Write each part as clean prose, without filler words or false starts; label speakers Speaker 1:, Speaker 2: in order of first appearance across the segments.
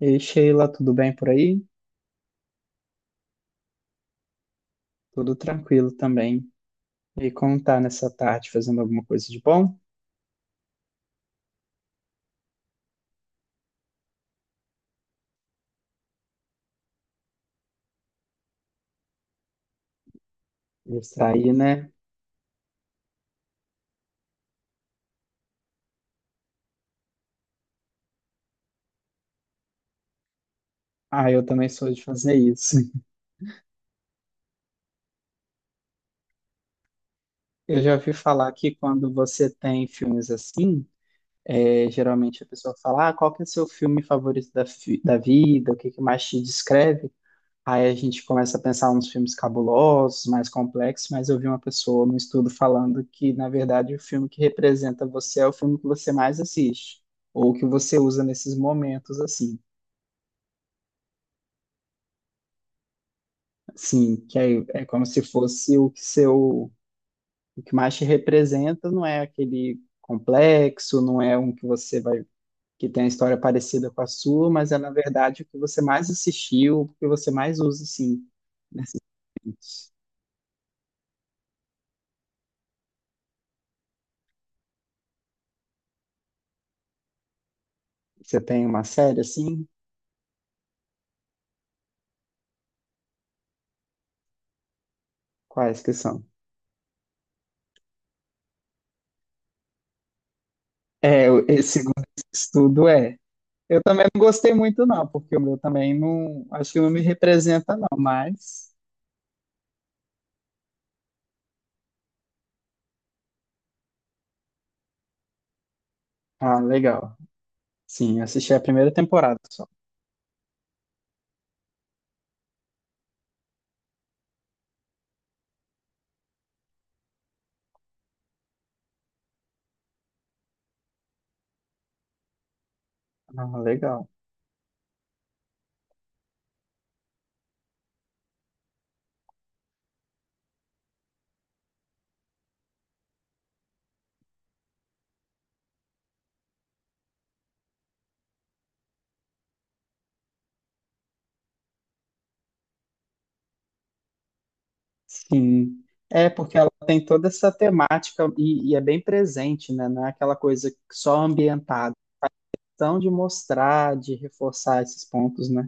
Speaker 1: E Sheila, tudo bem por aí? Tudo tranquilo também. E como tá nessa tarde, fazendo alguma coisa de bom? Distrair, né? Ah, eu também sou de fazer isso. Eu já ouvi falar que quando você tem filmes assim, geralmente a pessoa fala, ah, qual que é o seu filme favorito da, da vida? O que que mais te descreve? Aí a gente começa a pensar uns filmes cabulosos, mais complexos, mas eu vi uma pessoa num estudo falando que, na verdade, o filme que representa você é o filme que você mais assiste, ou que você usa nesses momentos, assim. Assim, que aí é como se fosse o que seu, o que mais te representa, não é aquele complexo, não é um que você vai, que tem uma história parecida com a sua, mas é, na verdade, o que você mais assistiu, o que você mais usa, assim, nesses momentos. Você tem uma série, assim? Quais que são? É, esse segundo estudo é. Eu também não gostei muito, não, porque o meu também não. Acho que não me representa, não, mas. Ah, legal. Sim, assisti a primeira temporada só. Ah, legal. Sim. É, porque ela tem toda essa temática e, é bem presente, né? Não é aquela coisa só ambientada. Então, de mostrar, de reforçar esses pontos, né?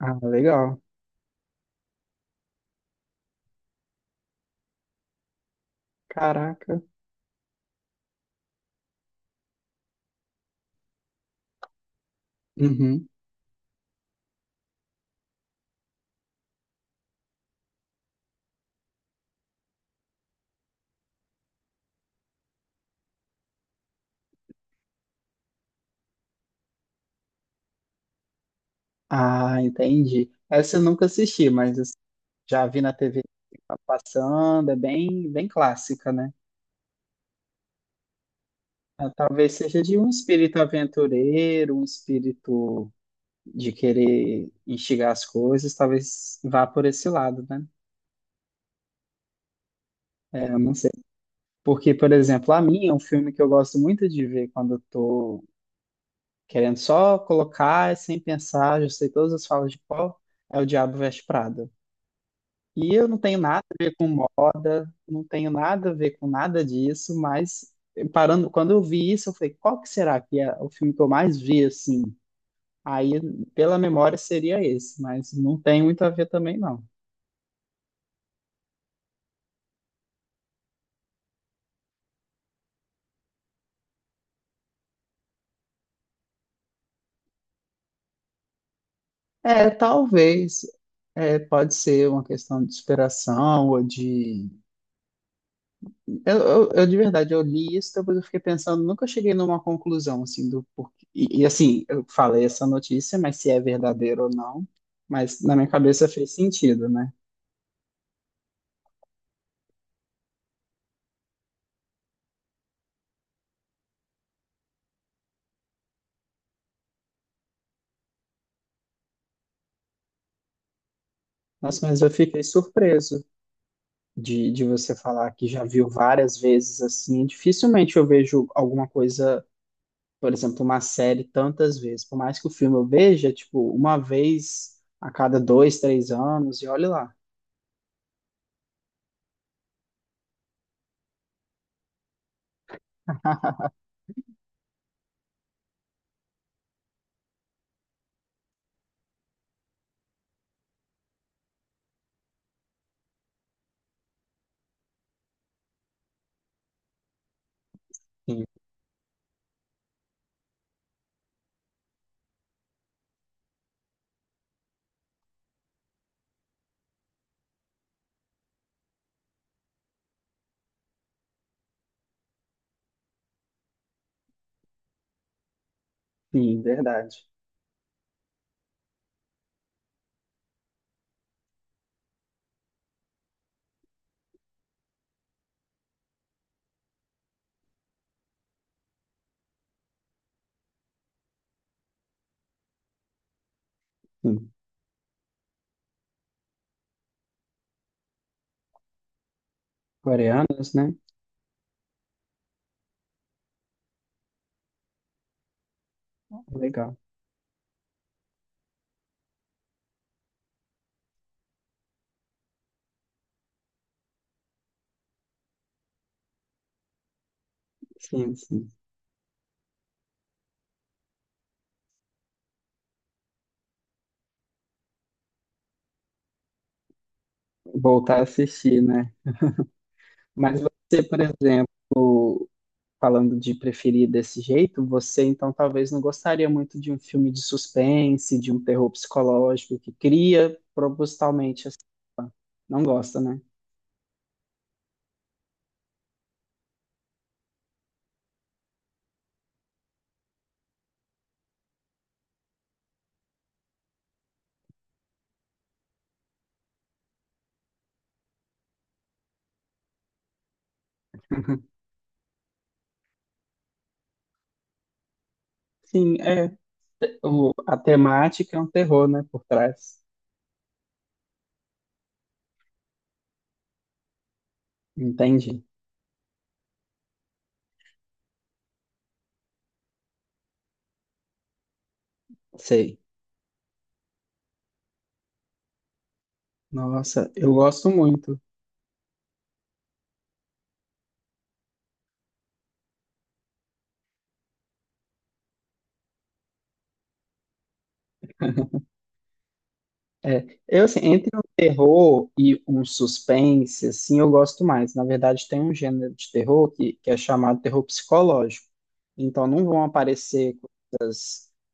Speaker 1: Ah, legal. Caraca. Uhum. Ah, entendi. Essa eu nunca assisti, mas já vi na TV passando, é bem, bem clássica, né? Ah, talvez seja de um espírito aventureiro, um espírito de querer instigar as coisas, talvez vá por esse lado, né? É, eu não sei. Porque, por exemplo, a minha é um filme que eu gosto muito de ver quando eu tô querendo só colocar sem pensar, já sei todas as falas de qual é o Diabo Veste Prada. E eu não tenho nada a ver com moda, não tenho nada a ver com nada disso, mas parando, quando eu vi isso, eu falei, qual que será que é o filme que eu mais vi assim? Aí, pela memória, seria esse, mas não tem muito a ver também, não. É, talvez, é, pode ser uma questão de inspiração ou de eu, de verdade, eu li isso, depois eu fiquei pensando, nunca cheguei numa conclusão, assim, do porquê. Assim, eu falei essa notícia, mas se é verdadeiro ou não, mas na minha cabeça fez sentido, né? Nossa, mas eu fiquei surpreso de, você falar que já viu várias vezes, assim, dificilmente eu vejo alguma coisa, por exemplo, uma série tantas vezes, por mais que o filme eu veja, tipo, uma vez a cada dois, três anos, e olha lá. Sim, sim, verdade. Sim. Coreanos, né? Legal. Sim, sim. Voltar a assistir, né? Mas você, por exemplo, falando de preferir desse jeito, você então talvez não gostaria muito de um filme de suspense, de um terror psicológico que cria propositalmente, assim. Não gosta, né? Sim, é. O, a temática é um terror, né? Por trás. Entendi. Sei. Nossa, eu gosto muito. É, eu, assim, entre um terror e um suspense, assim, eu gosto mais. Na verdade, tem um gênero de terror que, é chamado terror psicológico. Então, não vão aparecer,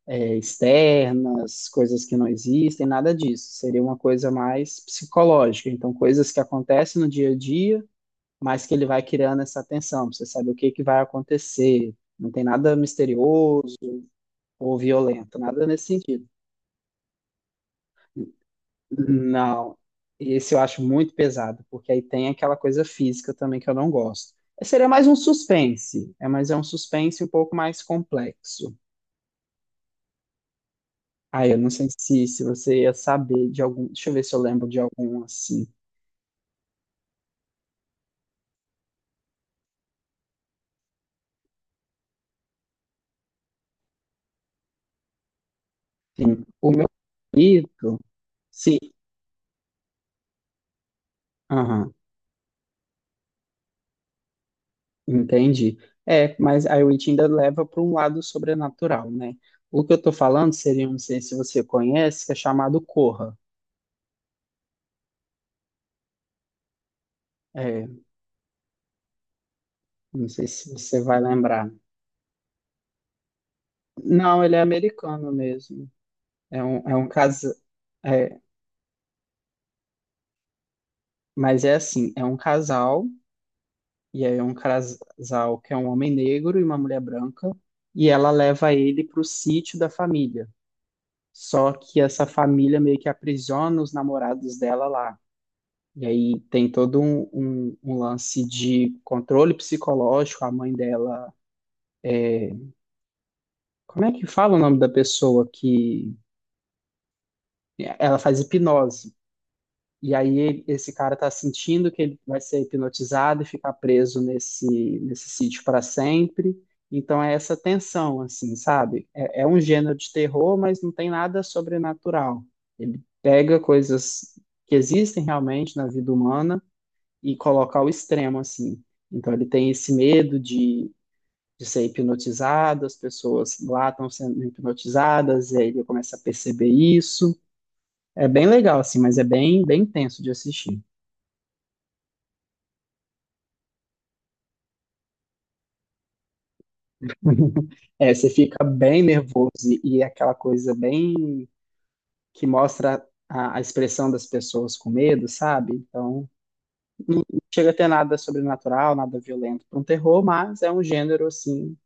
Speaker 1: é, externas, coisas que não existem, nada disso. Seria uma coisa mais psicológica. Então, coisas que acontecem no dia a dia, mas que ele vai criando essa tensão. Pra você sabe o que que vai acontecer. Não tem nada misterioso ou violento, nada nesse sentido. Não, esse eu acho muito pesado, porque aí tem aquela coisa física também que eu não gosto. Seria mais um suspense, é, mas é um suspense um pouco mais complexo. Ah, eu não sei se, se você ia saber de algum. Deixa eu ver se eu lembro de algum assim. Sim. O meu favorito. Sim, aham, entendi. É, mas a Witch ainda leva para um lado sobrenatural, né? O que eu tô falando seria, não sei se você conhece, que é chamado Corra. É, não sei se você vai lembrar. Não, ele é americano mesmo. É um casal. É, mas é assim, é um casal, e aí é um casal que é um homem negro e uma mulher branca, e ela leva ele para o sítio da família. Só que essa família meio que aprisiona os namorados dela lá. E aí tem todo um, um lance de controle psicológico. A mãe dela. Como é que fala o nome da pessoa que. Ela faz hipnose. E aí esse cara tá sentindo que ele vai ser hipnotizado e ficar preso nesse sítio para sempre. Então é essa tensão, assim, sabe? É, é um gênero de terror, mas não tem nada sobrenatural. Ele pega coisas que existem realmente na vida humana e coloca ao extremo, assim. Então ele tem esse medo de ser hipnotizado, as pessoas lá estão sendo hipnotizadas, e aí ele começa a perceber isso. É bem legal, assim, mas é bem, bem tenso de assistir. É, você fica bem nervoso e, é aquela coisa bem que mostra a expressão das pessoas com medo, sabe? Então, não chega a ter nada sobrenatural, nada violento para um terror, mas é um gênero, assim,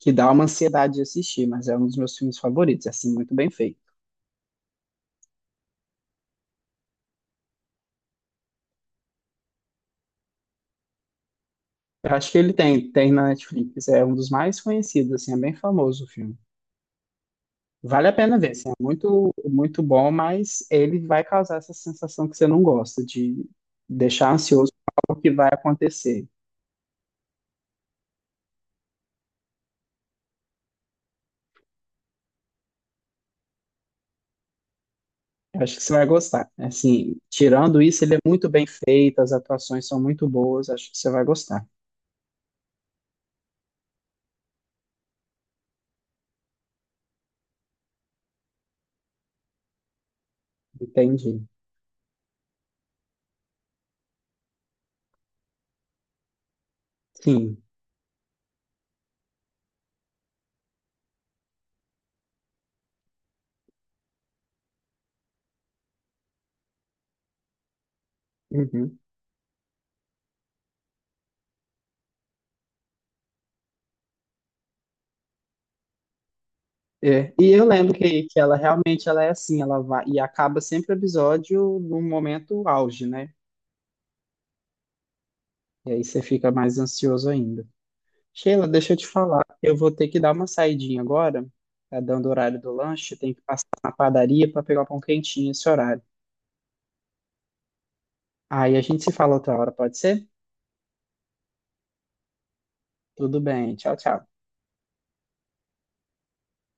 Speaker 1: que dá uma ansiedade de assistir, mas é um dos meus filmes favoritos, é, assim, muito bem feito. Eu acho que ele tem, tem na Netflix, é um dos mais conhecidos, assim, é bem famoso o filme. Vale a pena ver, assim, é muito, muito bom, mas ele vai causar essa sensação que você não gosta, de deixar ansioso por algo que vai acontecer. Eu acho que você vai gostar. Assim, tirando isso, ele é muito bem feito, as atuações são muito boas, acho que você vai gostar. Entendi. Sim. Uhum. É, e eu lembro que ela realmente ela é assim, ela vai e acaba sempre o episódio num momento auge, né? E aí você fica mais ansioso ainda. Sheila, deixa eu te falar, eu vou ter que dar uma saidinha agora, tá dando o horário do lanche, tem que passar na padaria para pegar o pão quentinho esse horário. Aí a gente se fala outra hora, pode ser? Tudo bem, tchau, tchau.